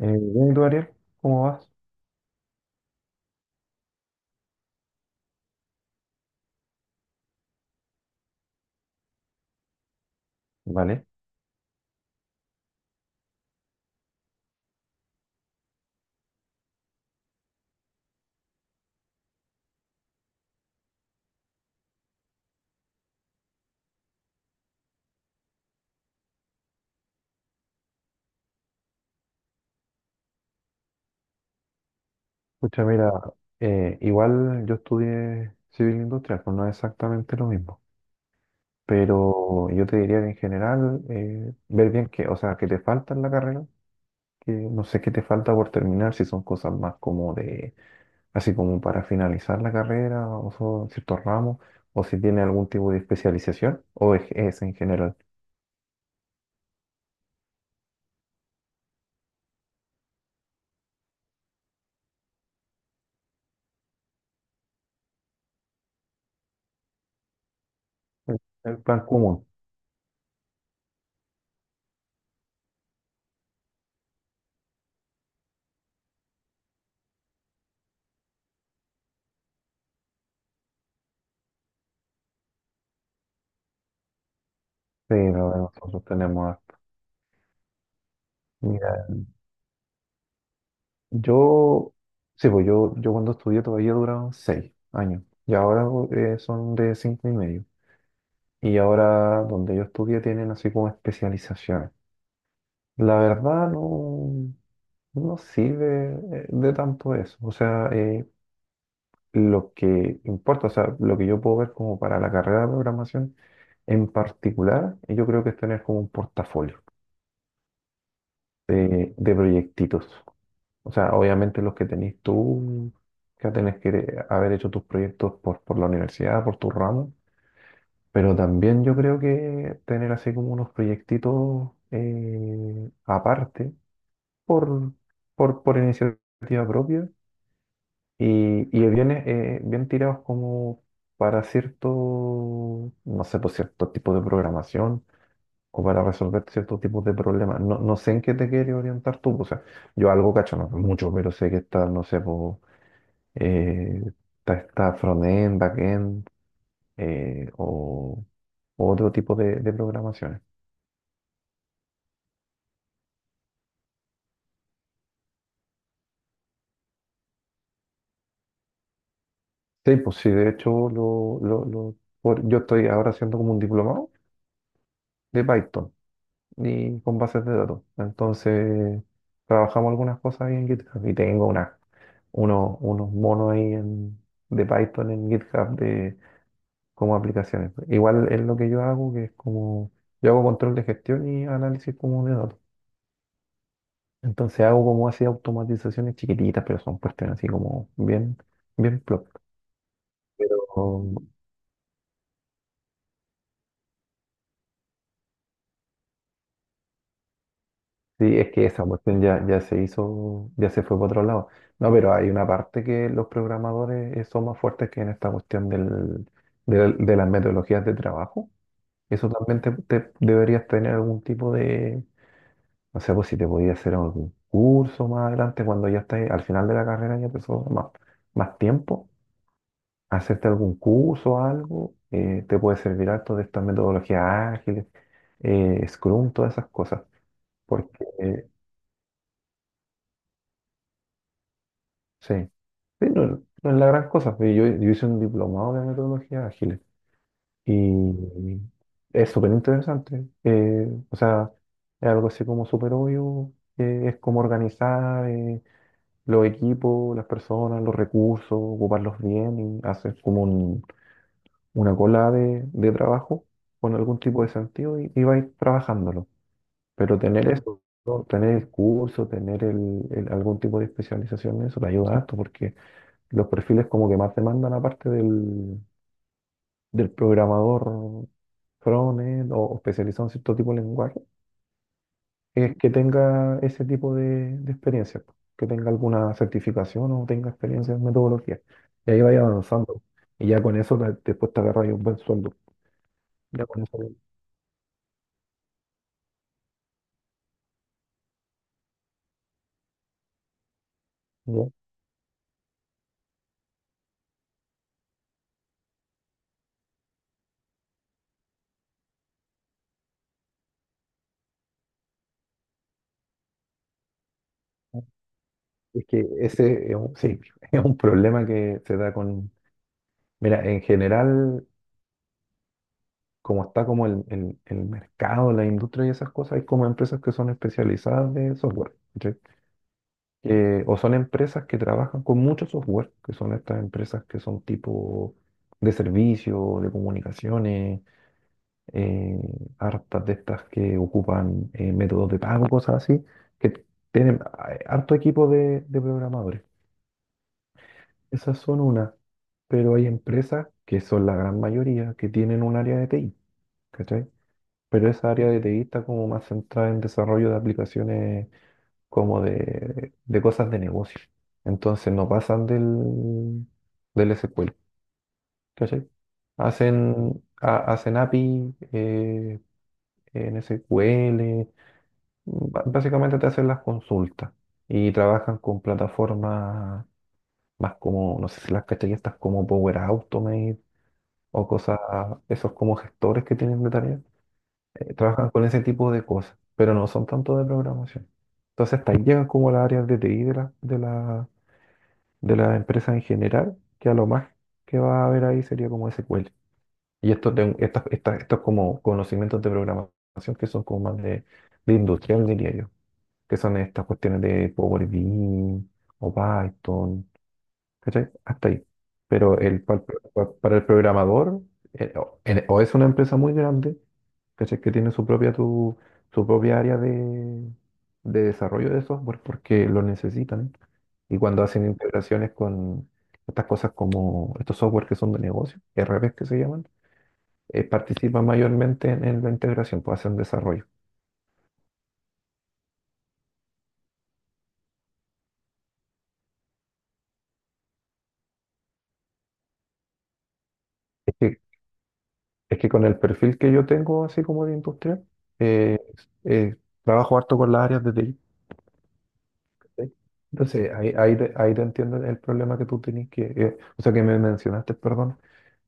Bien, ¿y tú, Ariel? ¿Cómo vas? Vale. Escucha, mira, igual yo estudié civil industrial, pues no es exactamente lo mismo, pero yo te diría que en general, ver bien qué, o sea, qué te falta en la carrera, que no sé qué te falta por terminar, si son cosas más como de, así como para finalizar la carrera, o son ciertos ramos, o si tiene algún tipo de especialización, o es en general el, el plan común, pero nosotros tenemos harto. Yo, sí, pues yo cuando estudié todavía duraron 6 años y ahora son de 5 y medio. Y ahora donde yo estudié tienen así como especializaciones. La verdad no sirve de tanto eso. O sea, lo que importa, o sea, lo que yo puedo ver como para la carrera de programación en particular, yo creo que es tener como un portafolio de proyectitos. O sea, obviamente los que tenés tú, que tenés que haber hecho tus proyectos por la universidad, por tu ramo, pero también yo creo que tener así como unos proyectitos aparte, por, por iniciativa propia, y bien, bien tirados como para cierto, no sé, por cierto tipo de programación, o para resolver ciertos tipos de problemas. No, no sé en qué te quieres orientar tú, pues, o sea, yo algo cacho, no mucho, pero sé que está, no sé, pues eh, está frontend, backend eh, o o otro tipo de programaciones. Sí, pues sí, de hecho yo estoy ahora haciendo como un diplomado de Python y con bases de datos. Entonces trabajamos algunas cosas ahí en GitHub y tengo unos monos de Python en GitHub de como aplicaciones. Igual es lo que yo hago, que es como yo hago control de gestión y análisis como de datos. Entonces hago como así automatizaciones chiquititas, pero son cuestiones así como bien, bien plop. Pero sí, es que esa cuestión ya se hizo, ya se fue para otro lado. No, pero hay una parte que los programadores son más fuertes que en esta cuestión de las metodologías de trabajo. Eso también deberías tener algún tipo de, no sé, pues si te podías hacer algún curso más adelante cuando ya estés al final de la carrera ya te sobra más tiempo hacerte algún curso o algo, te puede servir harto de estas metodologías ágiles, Scrum, todas esas cosas. Porque, sí, sí, no es la gran cosa. Pero yo hice un diplomado de metodologías ágiles y es súper interesante. O sea, es algo así como súper obvio, es como organizar los equipos, las personas, los recursos, ocuparlos bien y hacer como un una cola de trabajo con algún tipo de sentido y vais trabajándolo. Pero tener, claro, eso, ¿no? Tener el curso, tener algún tipo de especialización en eso te ayuda harto porque los perfiles como que más demandan aparte del programador frontend o especializado en cierto tipo de lenguaje, es que tenga ese tipo de experiencia, po, que tenga alguna certificación o tenga experiencia en metodología. Y ahí vaya avanzando. Y ya con eso después te agarras un buen sueldo. Ya con eso. ¿Ya? Es que ese es un, sí, es un problema que se da con... Mira, en general, como está como el mercado, la industria y esas cosas, hay como empresas que son especializadas de software, ¿cachai? O son empresas que trabajan con mucho software, que son estas empresas que son tipo de servicio, de comunicaciones, eh, hartas de estas que ocupan métodos de pago, cosas así, que tienen harto equipo de programadores. Esas son una, pero hay empresas que son la gran mayoría que tienen un área de TI, ¿cachai? Pero esa área de TI está como más centrada en desarrollo de aplicaciones como de cosas de negocio. Entonces no pasan del SQL, ¿cachai? Hacen API en SQL, básicamente te hacen las consultas y trabajan con plataformas más como, no sé si las cachai, estas como Power Automate o cosas, esos como gestores que tienen de tarea, trabajan con ese tipo de cosas, pero no son tanto de programación. Entonces, hasta ahí llegan como las áreas de TI de la empresa en general, que a lo más que va a haber ahí sería como SQL. Y estos como conocimientos de programación que son como más de industrial, diría yo, que son estas cuestiones de Power BI o Python, ¿cachai? Hasta ahí. Pero para el programador, o es una empresa muy grande, ¿cachai? Que tiene su propia, su propia área de desarrollo de software porque lo necesitan. Y cuando hacen integraciones con estas cosas como estos software que son de negocio, RPs que se llaman, participan mayormente en la integración, pues hacen desarrollo. Es que, es que con el perfil que yo tengo, así como de industrial, eh, eh, trabajo harto con las áreas de TI. ¿Sí? Entonces, ahí te entiendo el problema que tú tenías, que, o sea, que me mencionaste, perdón,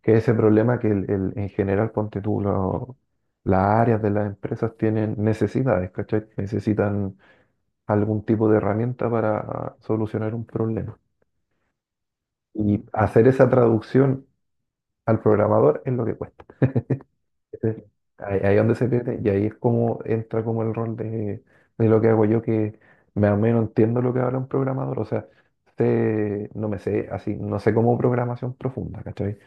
que ese problema que en general, ponte tú, las áreas de las empresas tienen necesidades, ¿cachai? Necesitan algún tipo de herramienta para solucionar un problema. Y hacer esa traducción al programador es lo que cuesta. Sí. Ahí es donde se pierde y ahí es como entra como el rol de lo que hago yo, que más o menos entiendo lo que habla un programador, o sea, no me sé así, no sé cómo programación profunda, ¿cachai?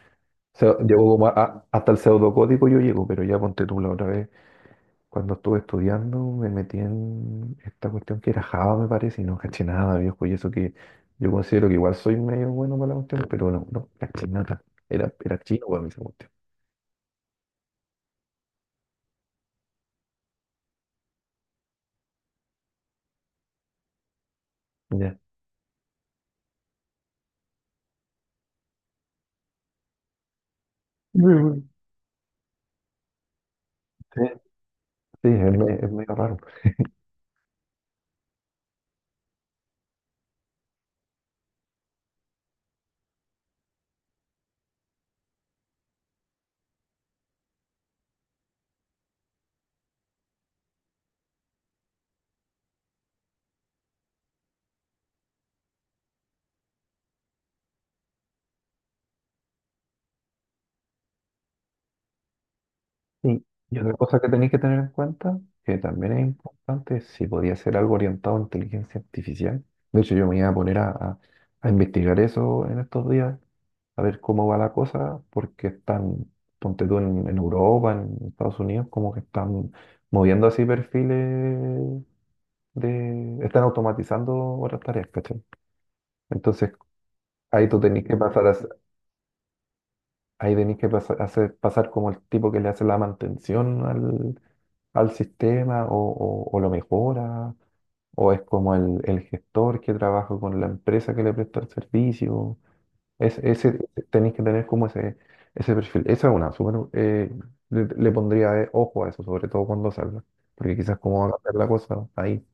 O sea, llego como hasta el pseudocódigo yo llego, pero ya ponte tú la otra vez, cuando estuve estudiando me metí en esta cuestión que era Java, me parece, y no caché nada, viejo, y eso que yo considero que igual soy medio bueno para la cuestión, pero no caché nada, era chino para mí esa cuestión. Ya. Muy bueno. Sí. Sí, es, es medio raro. Y, y otra cosa que tenéis que tener en cuenta, que también es importante, si podía ser algo orientado a inteligencia artificial. De hecho, yo me iba a poner a investigar eso en estos días, a ver cómo va la cosa, porque están, ponte tú en, Europa, en Estados Unidos, como que están moviendo así perfiles de... Están automatizando otras tareas, ¿cachai? Entonces, ahí tú tenés que pasar a, ahí tenéis que hacer pasar como el tipo que le hace la mantención al sistema o lo mejora, o es como el gestor que trabaja con la empresa que le presta el servicio. Ese, tenéis que tener como ese perfil. Esa es una, súper, le pondría ojo a eso, sobre todo cuando salga, porque quizás como va a cambiar la cosa ahí.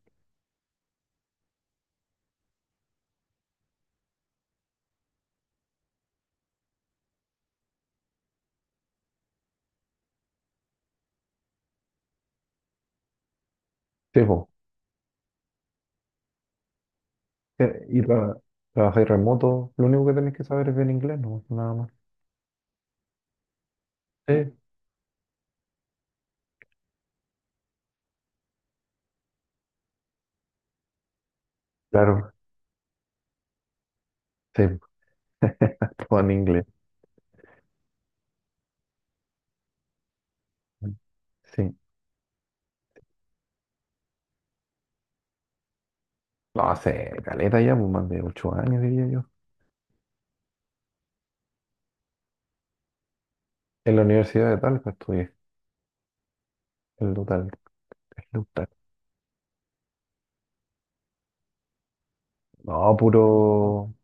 Sí, po. Y trabajáis remoto, lo único que tenéis que saber es bien inglés, no, nada más. Sí, claro, sí, todo en inglés. Sí. No, hace caleta ya, pues más de 8 años, diría yo. En la Universidad de Talca estudié. El Lutal, el Lutal. No, puro.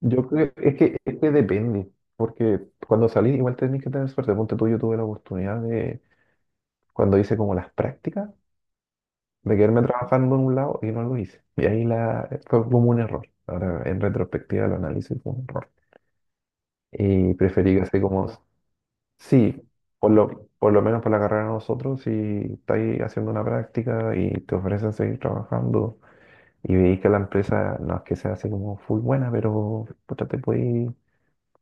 Yo creo es que depende. Porque cuando salí, igual tenés que tener suerte. Ponte tú, yo tuve la oportunidad de, cuando hice como las prácticas, de quedarme trabajando en un lado y no lo hice. Y ahí fue como un error. Ahora, en retrospectiva, lo analizo y fue un error. Y preferí que así como. Sí, por lo menos por la carrera de nosotros, si estáis haciendo una práctica y te ofrecen seguir trabajando y veis que la empresa no es que sea así como full buena, pero puta,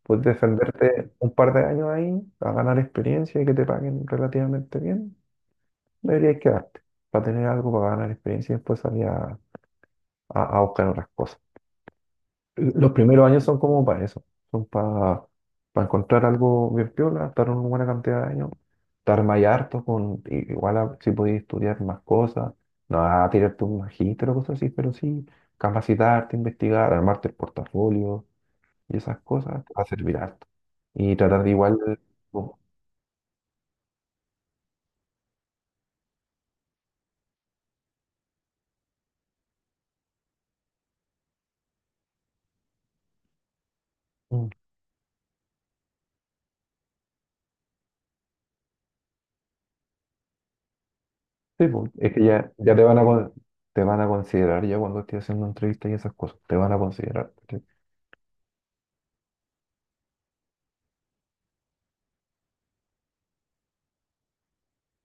puedes defenderte un par de años ahí a ganar experiencia y que te paguen relativamente bien, deberías quedarte para tener algo para ganar experiencia y después salir a buscar otras cosas. Los primeros años son como para eso, son para encontrar algo bien piola, estar una buena cantidad de años, estar más harto con, si podías estudiar más cosas, no a tirarte un magíster o cosas así, pero sí capacitarte, investigar, armarte el portafolio y esas cosas, va a servir harto. Y tratar de igual, po- mm, sí, po, es que ya te van a considerar ya cuando estés haciendo entrevistas y esas cosas, te van a considerar.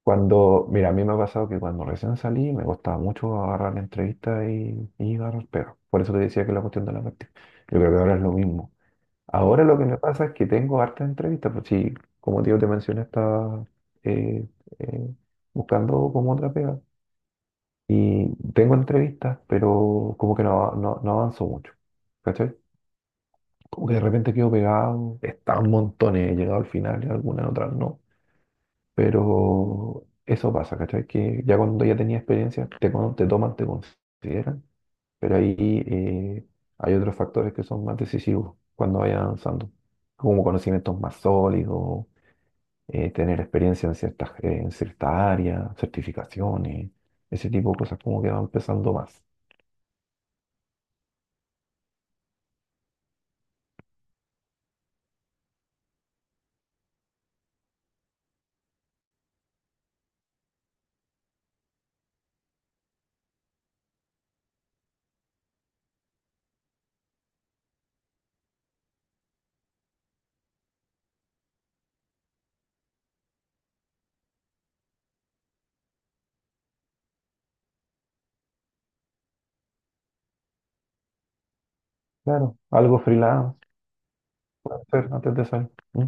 Cuando, mira, a mí me ha pasado que cuando recién salí me costaba mucho agarrar la entrevista y agarrar pega. Por eso te decía que la cuestión de la práctica. Yo creo que ahora es lo mismo. Ahora lo que me pasa es que tengo hartas entrevistas, pues sí, como tío te mencioné, estaba eh, eh, buscando como otra pega. Y tengo entrevistas, pero como que no avanzo mucho. ¿Cachai? Como que de repente quedo pegado, están montones, he llegado al final y algunas otras no. Pero eso pasa, ¿cachai? Que ya cuando ya tenía experiencia, te toman, te consideran, pero ahí eh, hay otros factores que son más decisivos cuando vayas avanzando, como conocimientos más sólidos, tener experiencia en ciertas áreas, certificaciones, ese tipo de cosas como que van empezando más. Claro, algo freelance puede ser antes de salir. ¿Mm?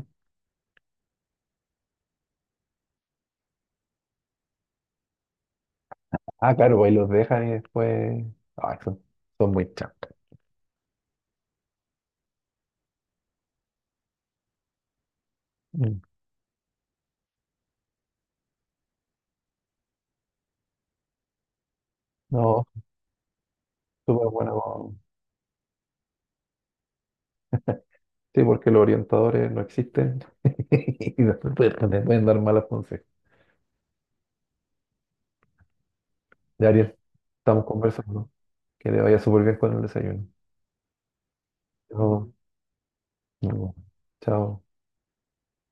Ah, claro, pues ahí los dejan y después... Ah, son muy chancas. Mm. No, súper bueno. Sí, porque los orientadores no existen y después te pueden dar malas consejos. Ya, Ariel, estamos conversando. Que te vaya súper bien con el desayuno. Chao. Nos vemos. Chao.